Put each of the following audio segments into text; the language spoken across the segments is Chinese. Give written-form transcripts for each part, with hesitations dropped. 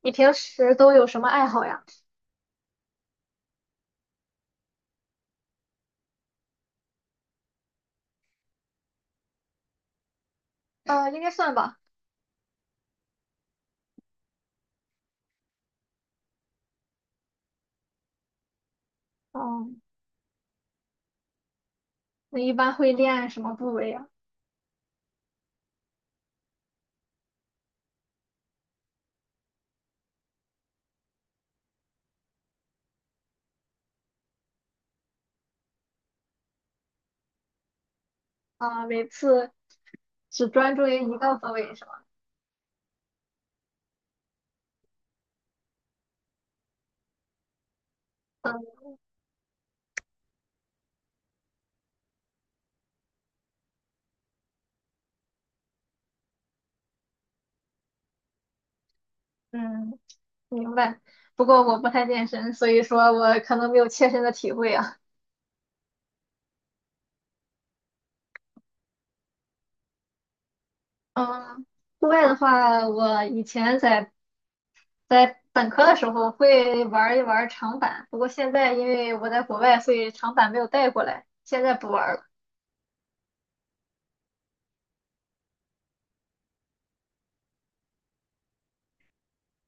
你平时都有什么爱好呀？应该算吧。嗯，你一般会练什么部位呀？啊，每次只专注于一个部位是吗？嗯嗯，明白。不过我不太健身，所以说我可能没有切身的体会啊。嗯，户外的话，我以前在本科的时候会玩一玩长板，不过现在因为我在国外，所以长板没有带过来，现在不玩了。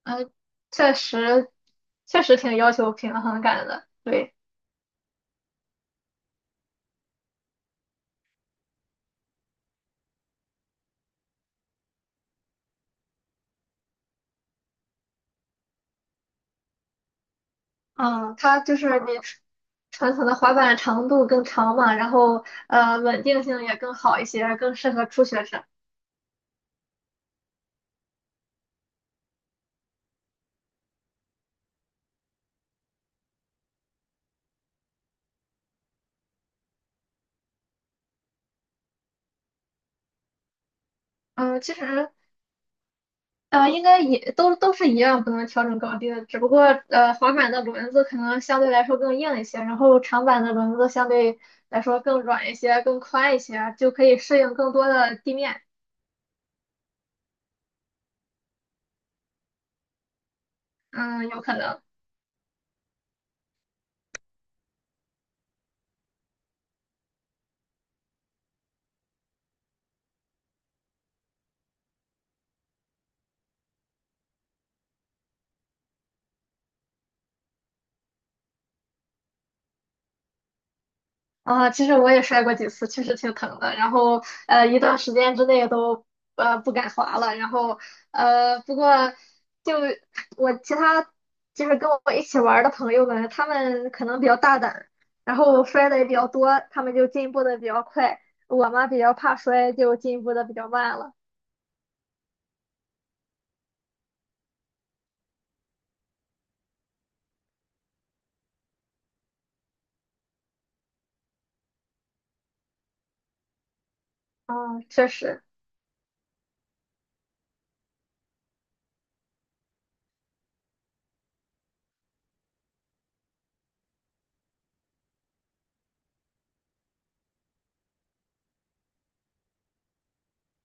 嗯，确实，确实挺要求平衡感的，对。嗯，它就是比传统的滑板长度更长嘛，然后稳定性也更好一些，更适合初学者。嗯，其实应该也都是一样，不能调整高低的，只不过滑板的轮子可能相对来说更硬一些，然后长板的轮子相对来说更软一些、更宽一些，就可以适应更多的地面。嗯，有可能。啊，其实我也摔过几次，确实挺疼的。然后一段时间之内都不敢滑了。然后不过就我其他就是跟我一起玩儿的朋友们，他们可能比较大胆，然后摔的也比较多，他们就进步的比较快。我嘛比较怕摔，就进步的比较慢了。嗯，确实，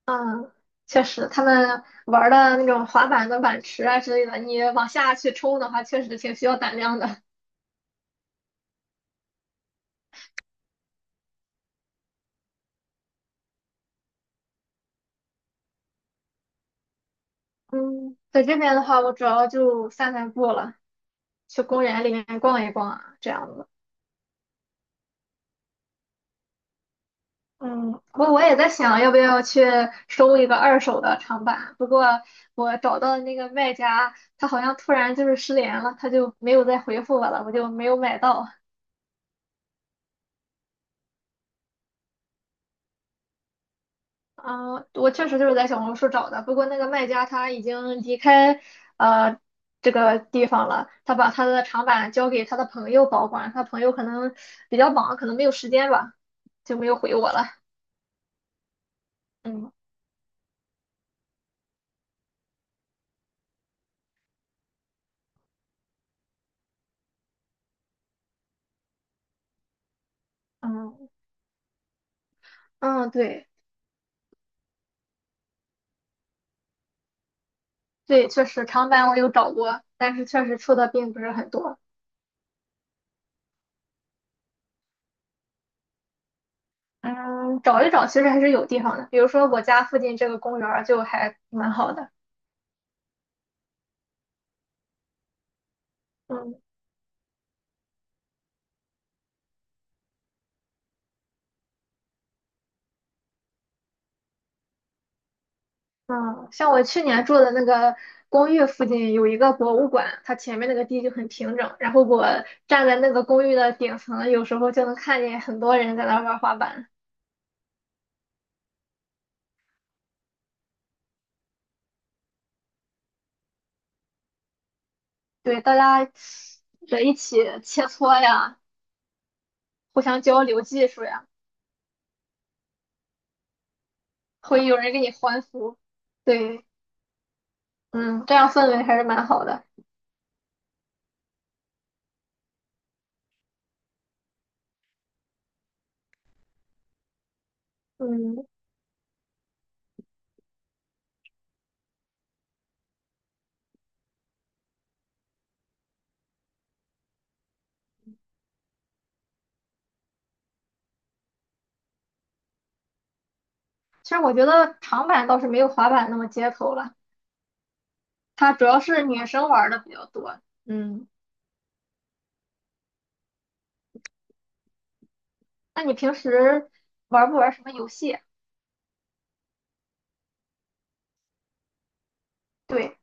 嗯，确实，他们玩儿的那种滑板的板池啊之类的，你往下去冲的话，确实挺需要胆量的。嗯，在这边的话，我主要就散散步了，去公园里面逛一逛啊，这样子。嗯，我也在想，要不要去收一个二手的长板。不过我找到的那个卖家，他好像突然就是失联了，他就没有再回复我了，我就没有买到。嗯，我确实就是在小红书找的，不过那个卖家他已经离开呃这个地方了，他把他的长板交给他的朋友保管，他朋友可能比较忙，可能没有时间吧，就没有回我了。嗯嗯嗯，对对，确实长板我有找过，但是确实出的并不是很多。嗯，找一找其实还是有地方的，比如说我家附近这个公园儿就还蛮好的。嗯。嗯，像我去年住的那个公寓附近有一个博物馆，它前面那个地就很平整，然后我站在那个公寓的顶层，有时候就能看见很多人在那玩滑板。对，大家在一起切磋呀，互相交流技术呀，会有人给你欢呼。对，嗯，这样氛围还是蛮好的。嗯，其实我觉得长板倒是没有滑板那么街头了，它主要是女生玩的比较多。嗯，那你平时玩不玩什么游戏啊？对，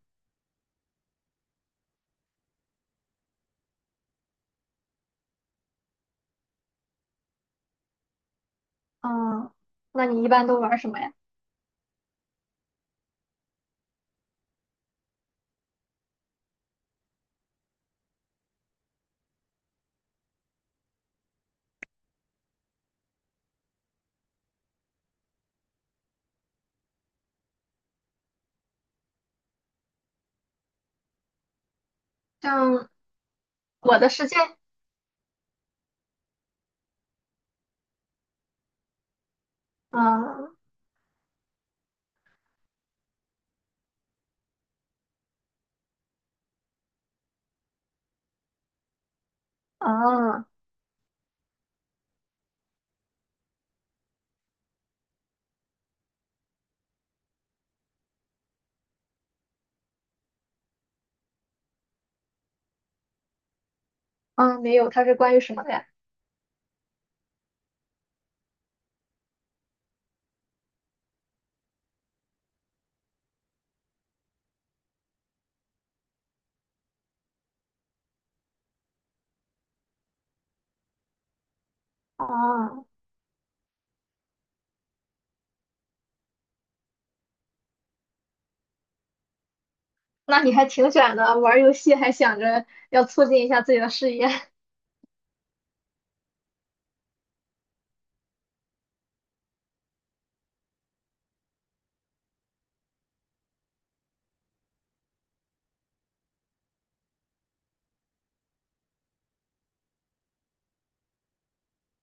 嗯，那你一般都玩什么呀？像我的世界，嗯啊没有，它是关于什么的呀？啊，那你还挺卷的，玩儿游戏还想着要促进一下自己的事业，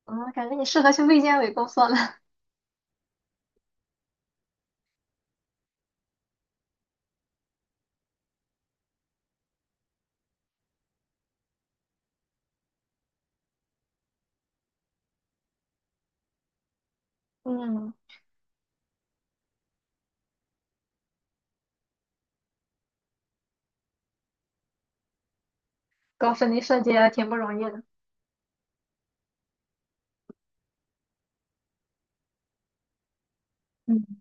嗯，感觉你适合去卫健委工作了，嗯，搞室内设计也挺不容易的，嗯。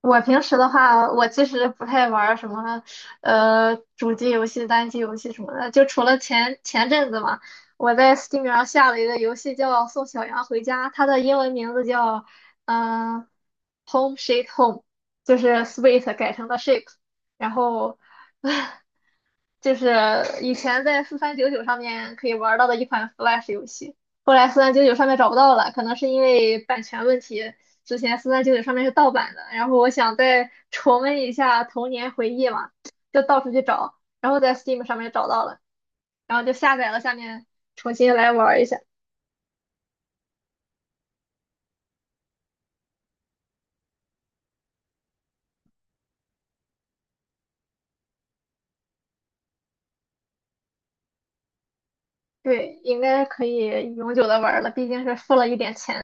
我平时的话，我其实不太玩儿什么，主机游戏、单机游戏什么的。就除了前阵子嘛，我在 Steam 上下了一个游戏叫《送小羊回家》，它的英文名字叫嗯、呃 Home Sweet Home,就是 Sweet 改成了 sheep 然后就是以前在4399上面可以玩到的一款 Flash 游戏，后来四三九九上面找不到了，可能是因为版权问题。之前四三九九上面是盗版的，然后我想再重温一下童年回忆嘛，就到处去找，然后在 Steam 上面找到了，然后就下载了，下面重新来玩一下。对，应该可以永久的玩了，毕竟是付了一点钱。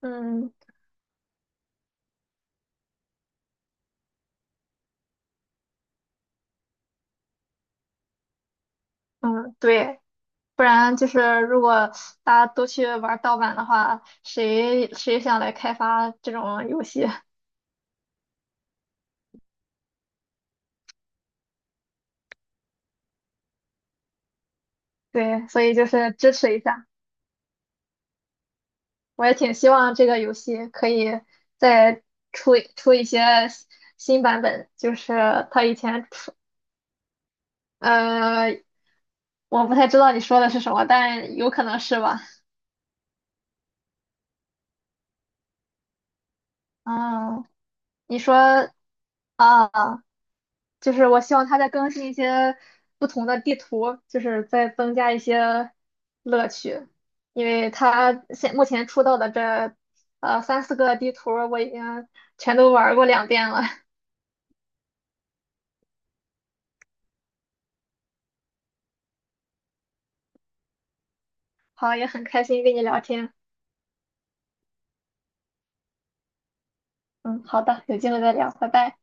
嗯嗯，对。不然就是如果大家都去玩盗版的话，谁想来开发这种游戏？对，所以就是支持一下。我也挺希望这个游戏可以再出一些新版本，就是它以前出，呃，我不太知道你说的是什么，但有可能是吧？嗯，你说。啊。就是我希望它再更新一些不同的地图，就是再增加一些乐趣，因为它现目前出到的这三四个地图我已经全都玩儿过2遍了，好，也很开心跟你聊天，嗯，好的，有机会再聊，拜拜。